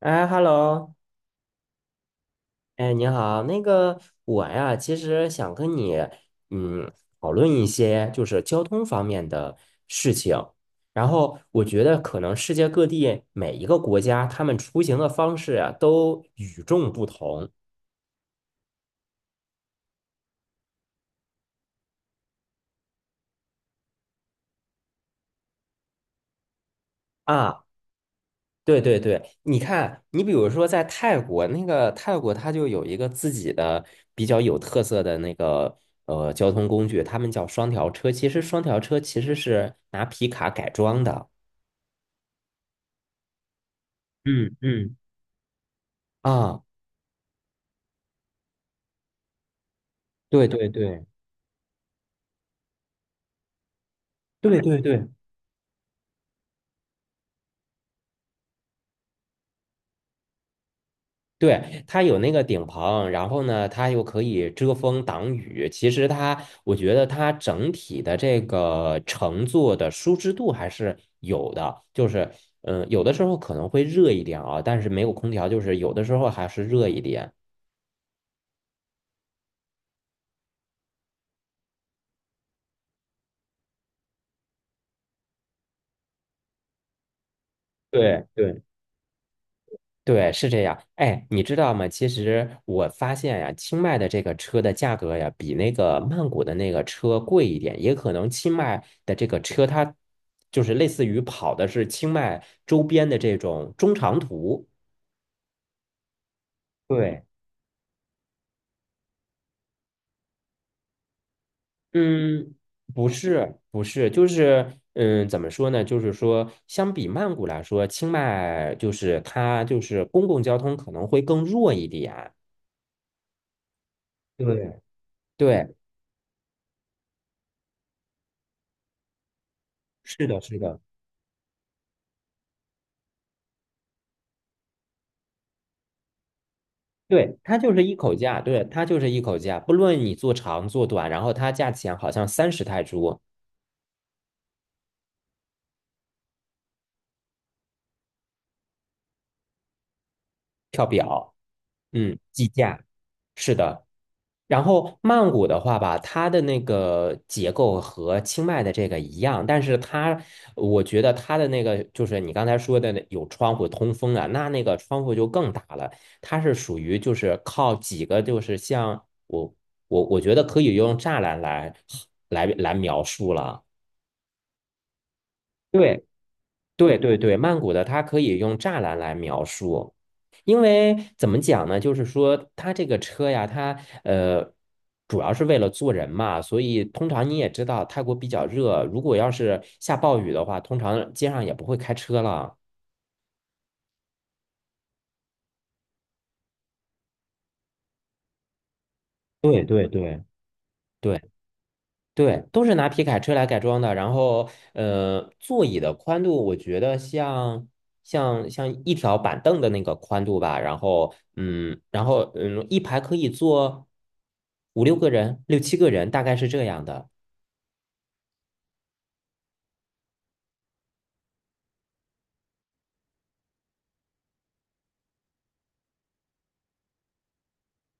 哎，hello，哎，你好，我呀，其实想跟你，嗯，讨论一些就是交通方面的事情。然后我觉得可能世界各地每一个国家，他们出行的方式啊，都与众不同啊。对对对，你看，你比如说在泰国，那个泰国它就有一个自己的比较有特色的那个交通工具，他们叫双条车。其实双条车其实是拿皮卡改装的。嗯嗯，啊，对对对对对对对，它有那个顶棚，然后呢，它又可以遮风挡雨。其实它，我觉得它整体的这个乘坐的舒适度还是有的，就是有的时候可能会热一点啊，但是没有空调，就是有的时候还是热一点。对对。对，是这样。哎，你知道吗？其实我发现呀，清迈的这个车的价格呀，比那个曼谷的那个车贵一点。也可能清迈的这个车，它就是类似于跑的是清迈周边的这种中长途。对，嗯，不是，不是，就是怎么说呢？就是说，相比曼谷来说，清迈就是它就是公共交通可能会更弱一点。对，对，是的，是的。对，它就是一口价，对，它就是一口价，不论你做长做短，然后它价钱好像30泰铢跳表，计价，是的。然后曼谷的话吧，它的那个结构和清迈的这个一样，但是它，我觉得它的那个就是你刚才说的那有窗户通风啊，那那个窗户就更大了，它是属于就是靠几个就是像我觉得可以用栅栏来描述了。对，对对对，曼谷的它可以用栅栏来描述，因为怎么讲呢？就是说它这个车呀，它呃主要是为了坐人嘛，所以通常你也知道，泰国比较热，如果要是下暴雨的话，通常街上也不会开车了。对对对对。对，都是拿皮卡车来改装的。然后，座椅的宽度，我觉得像一条板凳的那个宽度吧。然后，一排可以坐五六个人、六七个人，大概是这样的。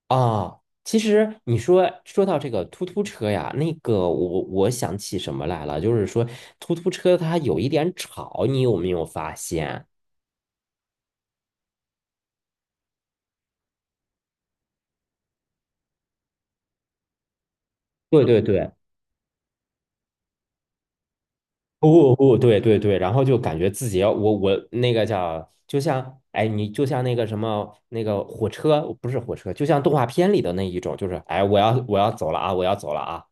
啊。其实你说到这个突突车呀，那个我想起什么来了，就是说突突车它有一点吵，你有没有发现？对对对。不不，对对对，然后就感觉自己要我那个叫，就像哎，你就像那个什么那个火车，不是火车，就像动画片里的那一种，就是哎，我要走了啊，我要走了啊。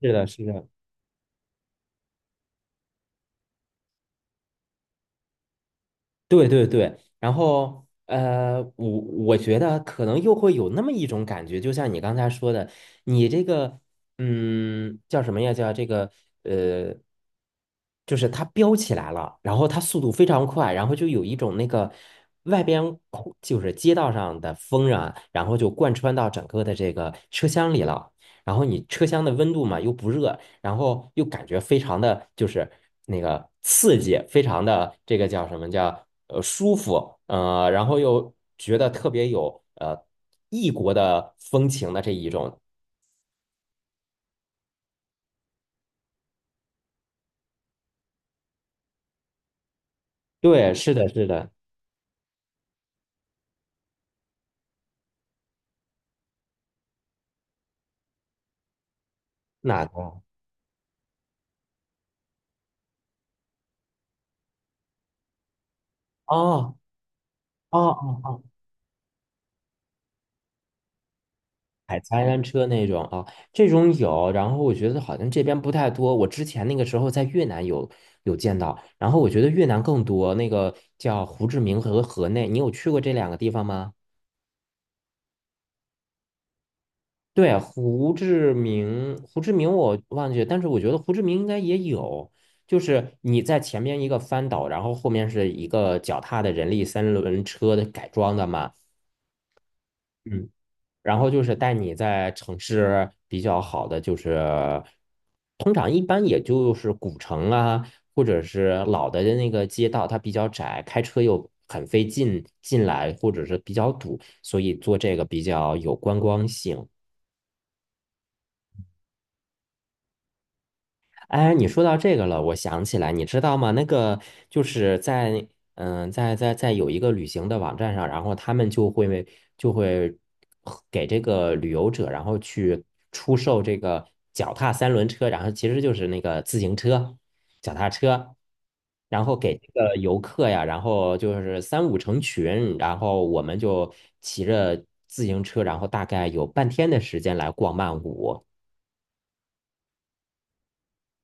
是的，是的，对对对，然后我觉得可能又会有那么一种感觉，就像你刚才说的，你这个叫什么呀？叫这个呃，就是它飙起来了，然后它速度非常快，然后就有一种那个外边空就是街道上的风啊，然后就贯穿到整个的这个车厢里了，然后你车厢的温度嘛又不热，然后又感觉非常的就是那个刺激，非常的这个叫什么叫舒服，然后又觉得特别有异国的风情的这一种。对，是的，是的，哪个？哦哦哦哦，海滩车那种啊，这种有，然后我觉得好像这边不太多。我之前那个时候在越南有见到，然后我觉得越南更多，那个叫胡志明和河内，你有去过这两个地方吗？对啊，胡志明，胡志明我忘记了，但是我觉得胡志明应该也有，就是你在前面一个翻斗，然后后面是一个脚踏的人力三轮车的改装的嘛，嗯，然后就是带你在城市比较好的，就是通常一般也就是古城啊，或者是老的那个街道，它比较窄，开车又很费劲进来，或者是比较堵，所以做这个比较有观光性。哎，你说到这个了，我想起来，你知道吗？那个就是在嗯，在在在有一个旅行的网站上，然后他们就会给这个旅游者，然后去出售这个脚踏三轮车，然后其实就是那个自行车、脚踏车，然后给这个游客呀，然后就是三五成群，然后我们就骑着自行车，然后大概有半天的时间来逛曼谷。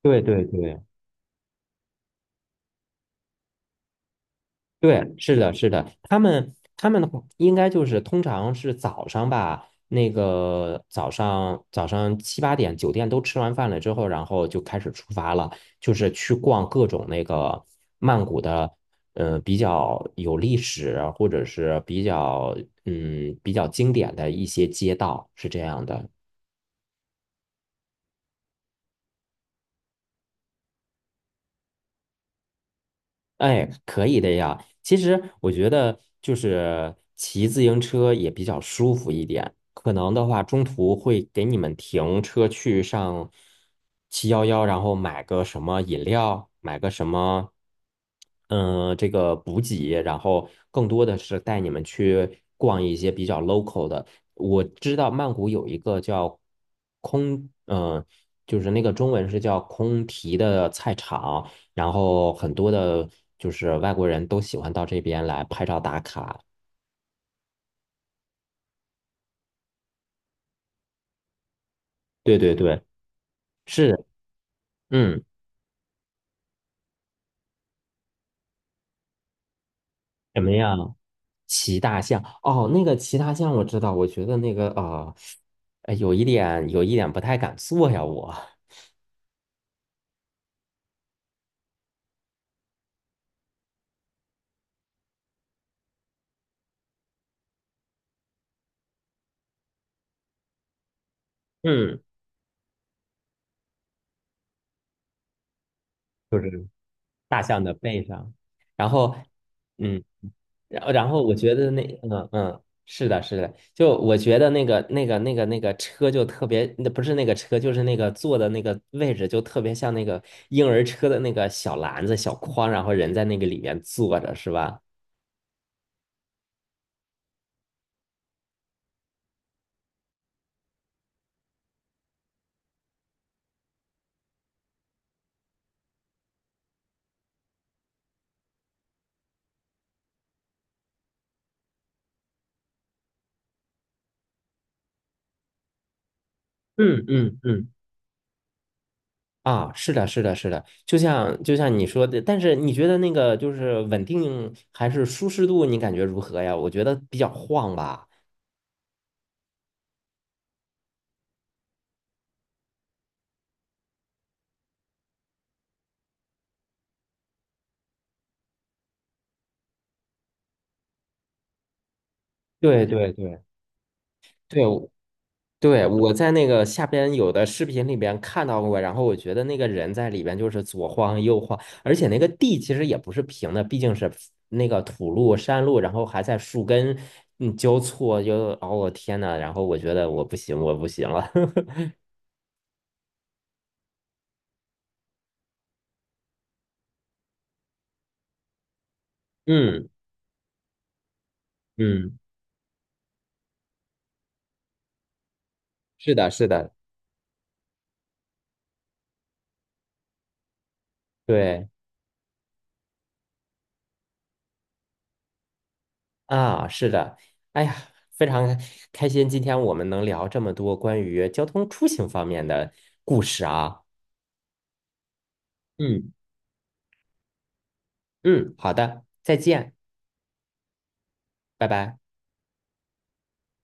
对对对。对，是的，是的，他们的话应该就是通常是早上吧，那个早上七八点酒店都吃完饭了之后，然后就开始出发了，就是去逛各种那个曼谷的，比较有历史或者是比较比较经典的一些街道，是这样的。哎，可以的呀。其实我觉得就是骑自行车也比较舒服一点。可能的话，中途会给你们停车去上7-11，然后买个什么饮料，买个什么，这个补给，然后更多的是带你们去逛一些比较 local 的。我知道曼谷有一个叫空，嗯、就是那个中文是叫空提的菜场。然后很多的就是外国人都喜欢到这边来拍照打卡。对对对，是，嗯，怎么样？骑大象，哦，那个骑大象我知道，我觉得那个啊，哎有一点有一点不太敢坐呀，我，嗯，就是大象的背上，然后，嗯。然后我觉得那嗯嗯是的，是的，就我觉得那个车就特别，那不是那个车，就是那个坐的那个位置就特别像那个婴儿车的那个小篮子、小筐，然后人在那个里面坐着，是吧？嗯嗯嗯。啊，是的，是的，是的，就像你说的，但是你觉得那个就是稳定还是舒适度，你感觉如何呀？我觉得比较晃吧。对对对对，对，我在那个下边有的视频里边看到过，然后我觉得那个人在里边就是左晃右晃，而且那个地其实也不是平的，毕竟是那个土路、山路，然后还在树根交错，哦我天呐，然后我觉得我不行，我不行了。嗯嗯，是的，是的，对啊，是的，哎呀，非常开心，今天我们能聊这么多关于交通出行方面的故事啊。嗯。嗯，好的，再见，拜拜。